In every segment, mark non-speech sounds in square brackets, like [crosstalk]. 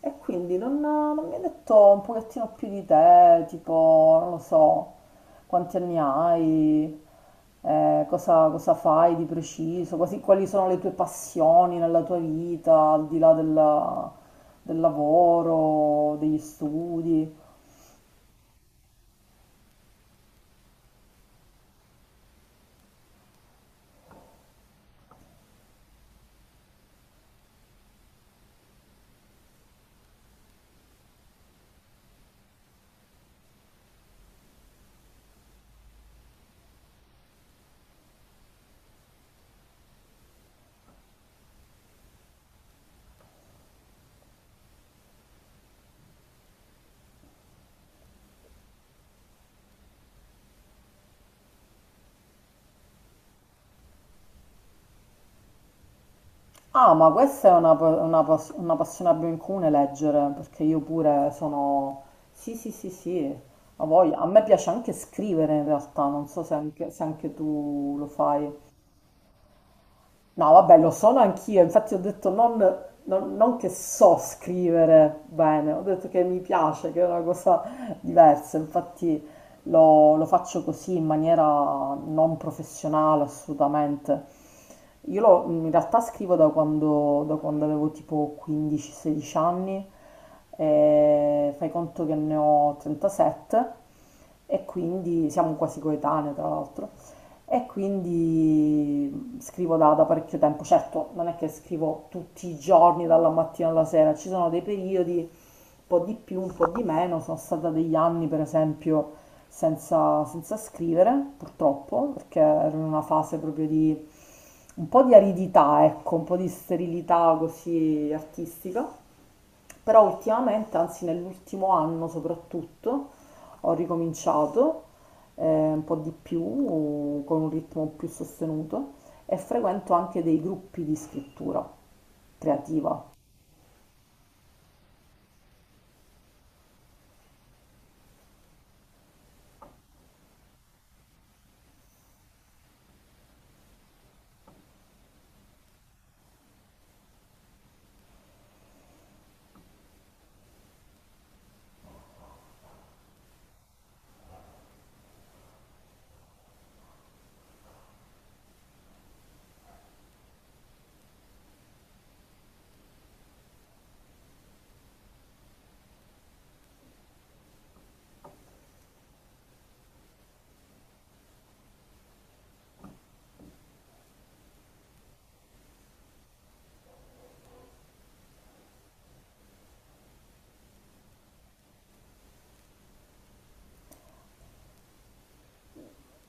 E quindi non mi hai detto un pochettino più di te, tipo, non lo so, quanti anni hai, cosa fai di preciso, quali sono le tue passioni nella tua vita, al di là del lavoro, degli studi. Ah, ma questa è una passione che abbiamo in comune, leggere, perché io pure sono... Sì, sì, sì, sì, ho voglia. A me piace anche scrivere in realtà, non so se anche tu lo fai. No, vabbè, lo sono anch'io, infatti ho detto non che so scrivere bene, ho detto che mi piace, che è una cosa diversa, infatti lo faccio così in maniera non professionale assolutamente. In realtà scrivo da quando avevo tipo 15-16 anni, e fai conto che ne ho 37, e quindi siamo quasi coetanee tra l'altro. E quindi scrivo da parecchio tempo, certo non è che scrivo tutti i giorni dalla mattina alla sera, ci sono dei periodi, un po' di più, un po' di meno, sono stata degli anni per esempio senza scrivere purtroppo, perché ero in una fase proprio di un po' di aridità, ecco, un po' di sterilità così artistica. Però ultimamente, anzi nell'ultimo anno soprattutto, ho ricominciato eh, un po' di più, con un ritmo più sostenuto, e frequento anche dei gruppi di scrittura creativa.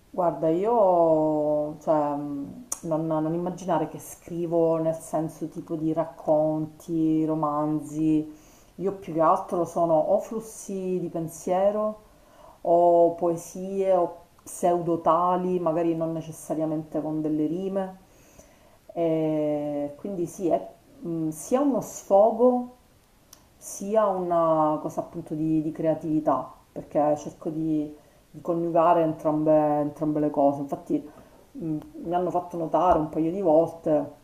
Guarda, io, cioè, non immaginare che scrivo nel senso tipo di racconti, romanzi, io più che altro sono o flussi di pensiero, o poesie, o pseudotali, magari non necessariamente con delle rime. E quindi sì, è sia uno sfogo, sia una cosa appunto di creatività, perché cerco di coniugare entrambe, entrambe le cose. Infatti mh, mi hanno fatto notare un paio di volte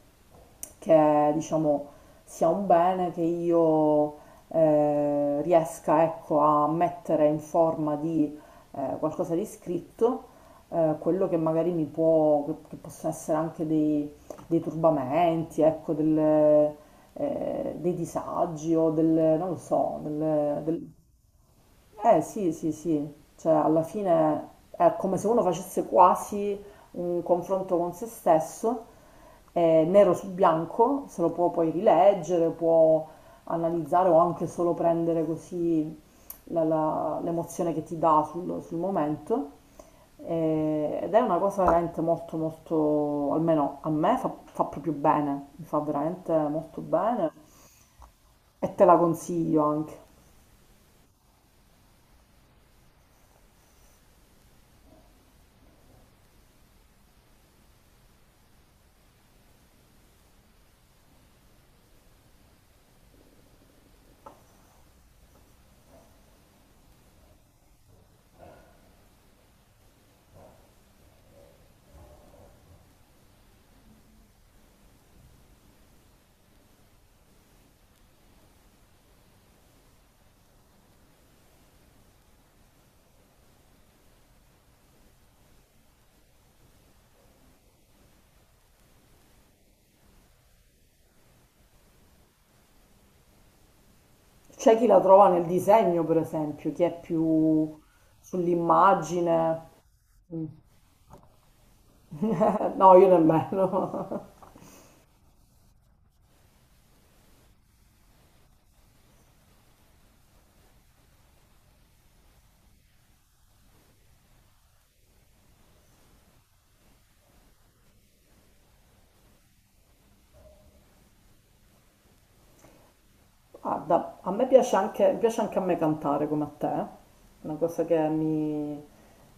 che diciamo sia un bene che io riesca ecco, a mettere in forma di qualcosa di scritto, quello che magari mi può, che possono essere anche dei turbamenti, ecco, dei disagi o non lo so, eh sì, sì, sì, cioè alla fine è come se uno facesse quasi un confronto con se stesso, nero su bianco, se lo può poi rileggere, può analizzare o anche solo prendere così l'emozione che ti dà sul momento. Ed è una cosa veramente molto, molto, almeno a me fa proprio bene, mi fa veramente molto bene, e te la consiglio anche. C'è chi la trova nel disegno, per esempio, chi è più sull'immagine. Mm. No, io nemmeno. [laughs] Guarda, a me piace anche a me cantare come a te, è una cosa che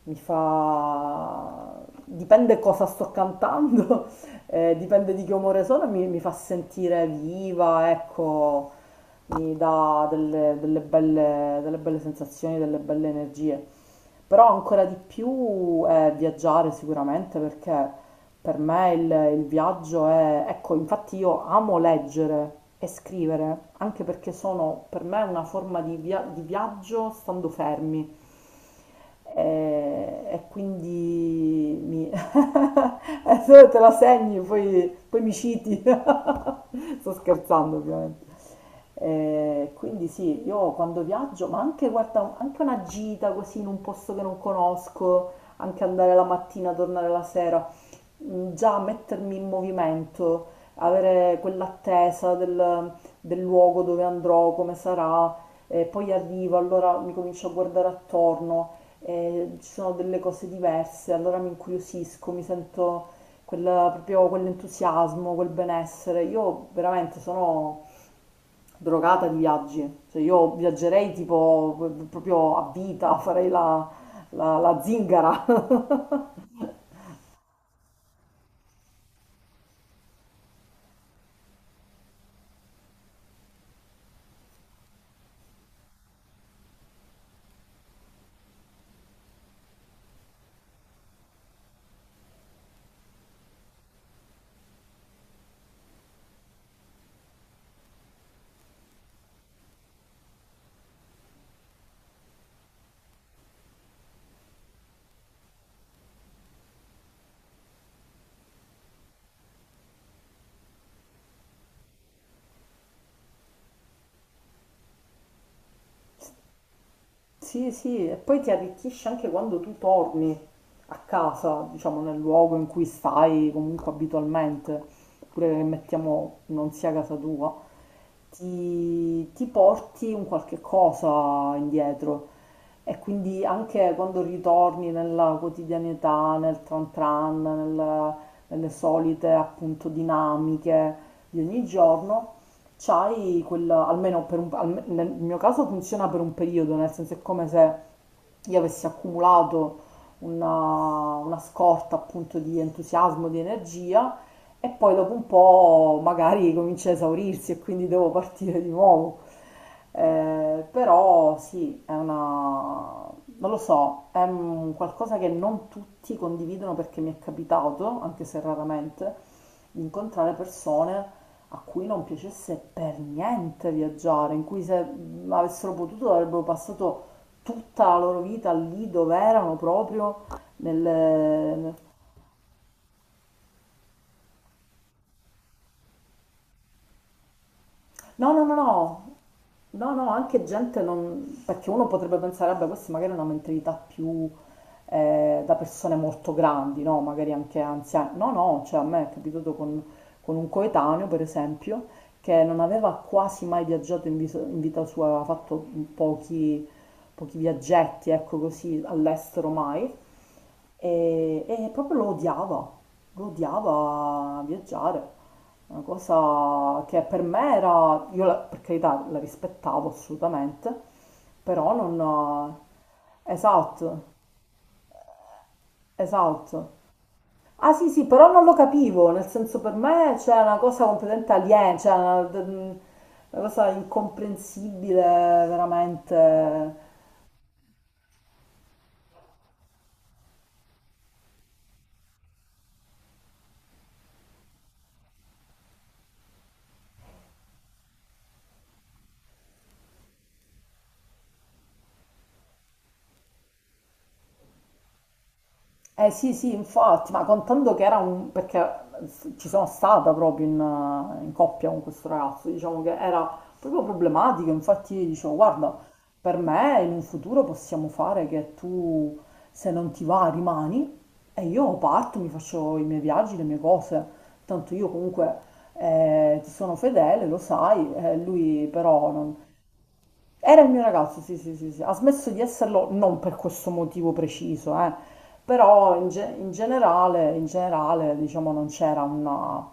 mi fa... dipende cosa sto cantando, [laughs] dipende di che umore sono, mi fa sentire viva, ecco, mi dà delle belle sensazioni, delle belle energie. Però ancora di più è viaggiare sicuramente perché per me il viaggio è... Ecco, infatti io amo leggere e scrivere, anche perché sono per me una forma di viaggio stando fermi. E quindi mi... [laughs] se te la segni, poi mi citi. [laughs] Sto scherzando, ovviamente. Quindi sì, io quando viaggio, ma anche, guarda, anche una gita così in un posto che non conosco, anche andare la mattina, tornare la sera, già mettermi in movimento, avere quell'attesa del luogo dove andrò, come sarà, e poi arrivo, allora mi comincio a guardare attorno, e ci sono delle cose diverse, allora mi incuriosisco, mi sento proprio quell'entusiasmo, quel benessere. Io veramente sono drogata di viaggi, cioè io viaggerei tipo proprio a vita, la la zingara. [laughs] Sì, sì, e poi ti arricchisce anche quando tu torni a casa, diciamo nel luogo in cui stai comunque abitualmente, pure che mettiamo non sia casa tua, ti porti un qualche cosa indietro e quindi anche quando ritorni nella quotidianità, nel tran tran, nelle solite appunto dinamiche di ogni giorno, c'hai quella, almeno per un, alme- nel mio caso funziona per un periodo, nel senso è come se io avessi accumulato una scorta appunto di entusiasmo, di energia e poi dopo un po' magari comincia a esaurirsi e quindi devo partire di nuovo. Però sì, è una... non lo so, è un qualcosa che non tutti condividono perché mi è capitato, anche se raramente, di incontrare persone a cui non piacesse per niente viaggiare, in cui se avessero potuto avrebbero passato tutta la loro vita lì dove erano proprio nel, no, no, no, no. No, no, anche gente non... perché uno potrebbe pensare, vabbè, questa magari è una mentalità più da persone molto grandi, no? Magari anche anziane. No, no, cioè a me è capitato con un coetaneo, per esempio, che non aveva quasi mai viaggiato in vita sua, aveva fatto pochi, pochi viaggetti, ecco così, all'estero mai, e proprio lo odiava viaggiare. Una cosa che per me era, per carità la rispettavo assolutamente, però non... Esatto, esatto. Ah sì sì, però non lo capivo, nel senso per me c'è una cosa completamente aliena, cioè una cosa incomprensibile veramente. Eh sì, sì, infatti, ma contando che era un... perché ci sono stata proprio in coppia con questo ragazzo, diciamo che era proprio problematico, infatti dicevo, guarda, per me in un futuro possiamo fare che se non ti va, rimani e io parto, mi faccio i miei viaggi, le mie cose, tanto io comunque ti sono fedele, lo sai, lui però non, era il mio ragazzo, sì, sì, sì, sì. Ha smesso di esserlo non per questo motivo preciso, eh. Però in generale, diciamo, non c'era una,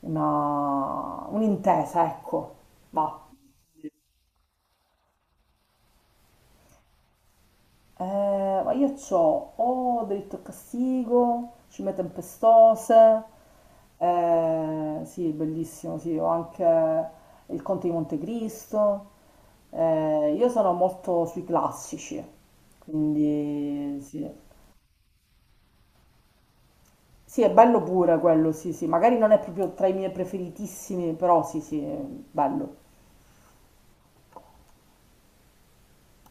una- un'intesa, ecco. Va. Ma io c'ho o diritto a castigo, Cime Tempestose, sì, bellissimo, sì, ho anche il Conte di Montecristo. Io sono molto sui classici, quindi sì. Sì, è bello pure quello, sì, sì. Magari non è proprio tra i miei preferitissimi, però sì, sì, è bello.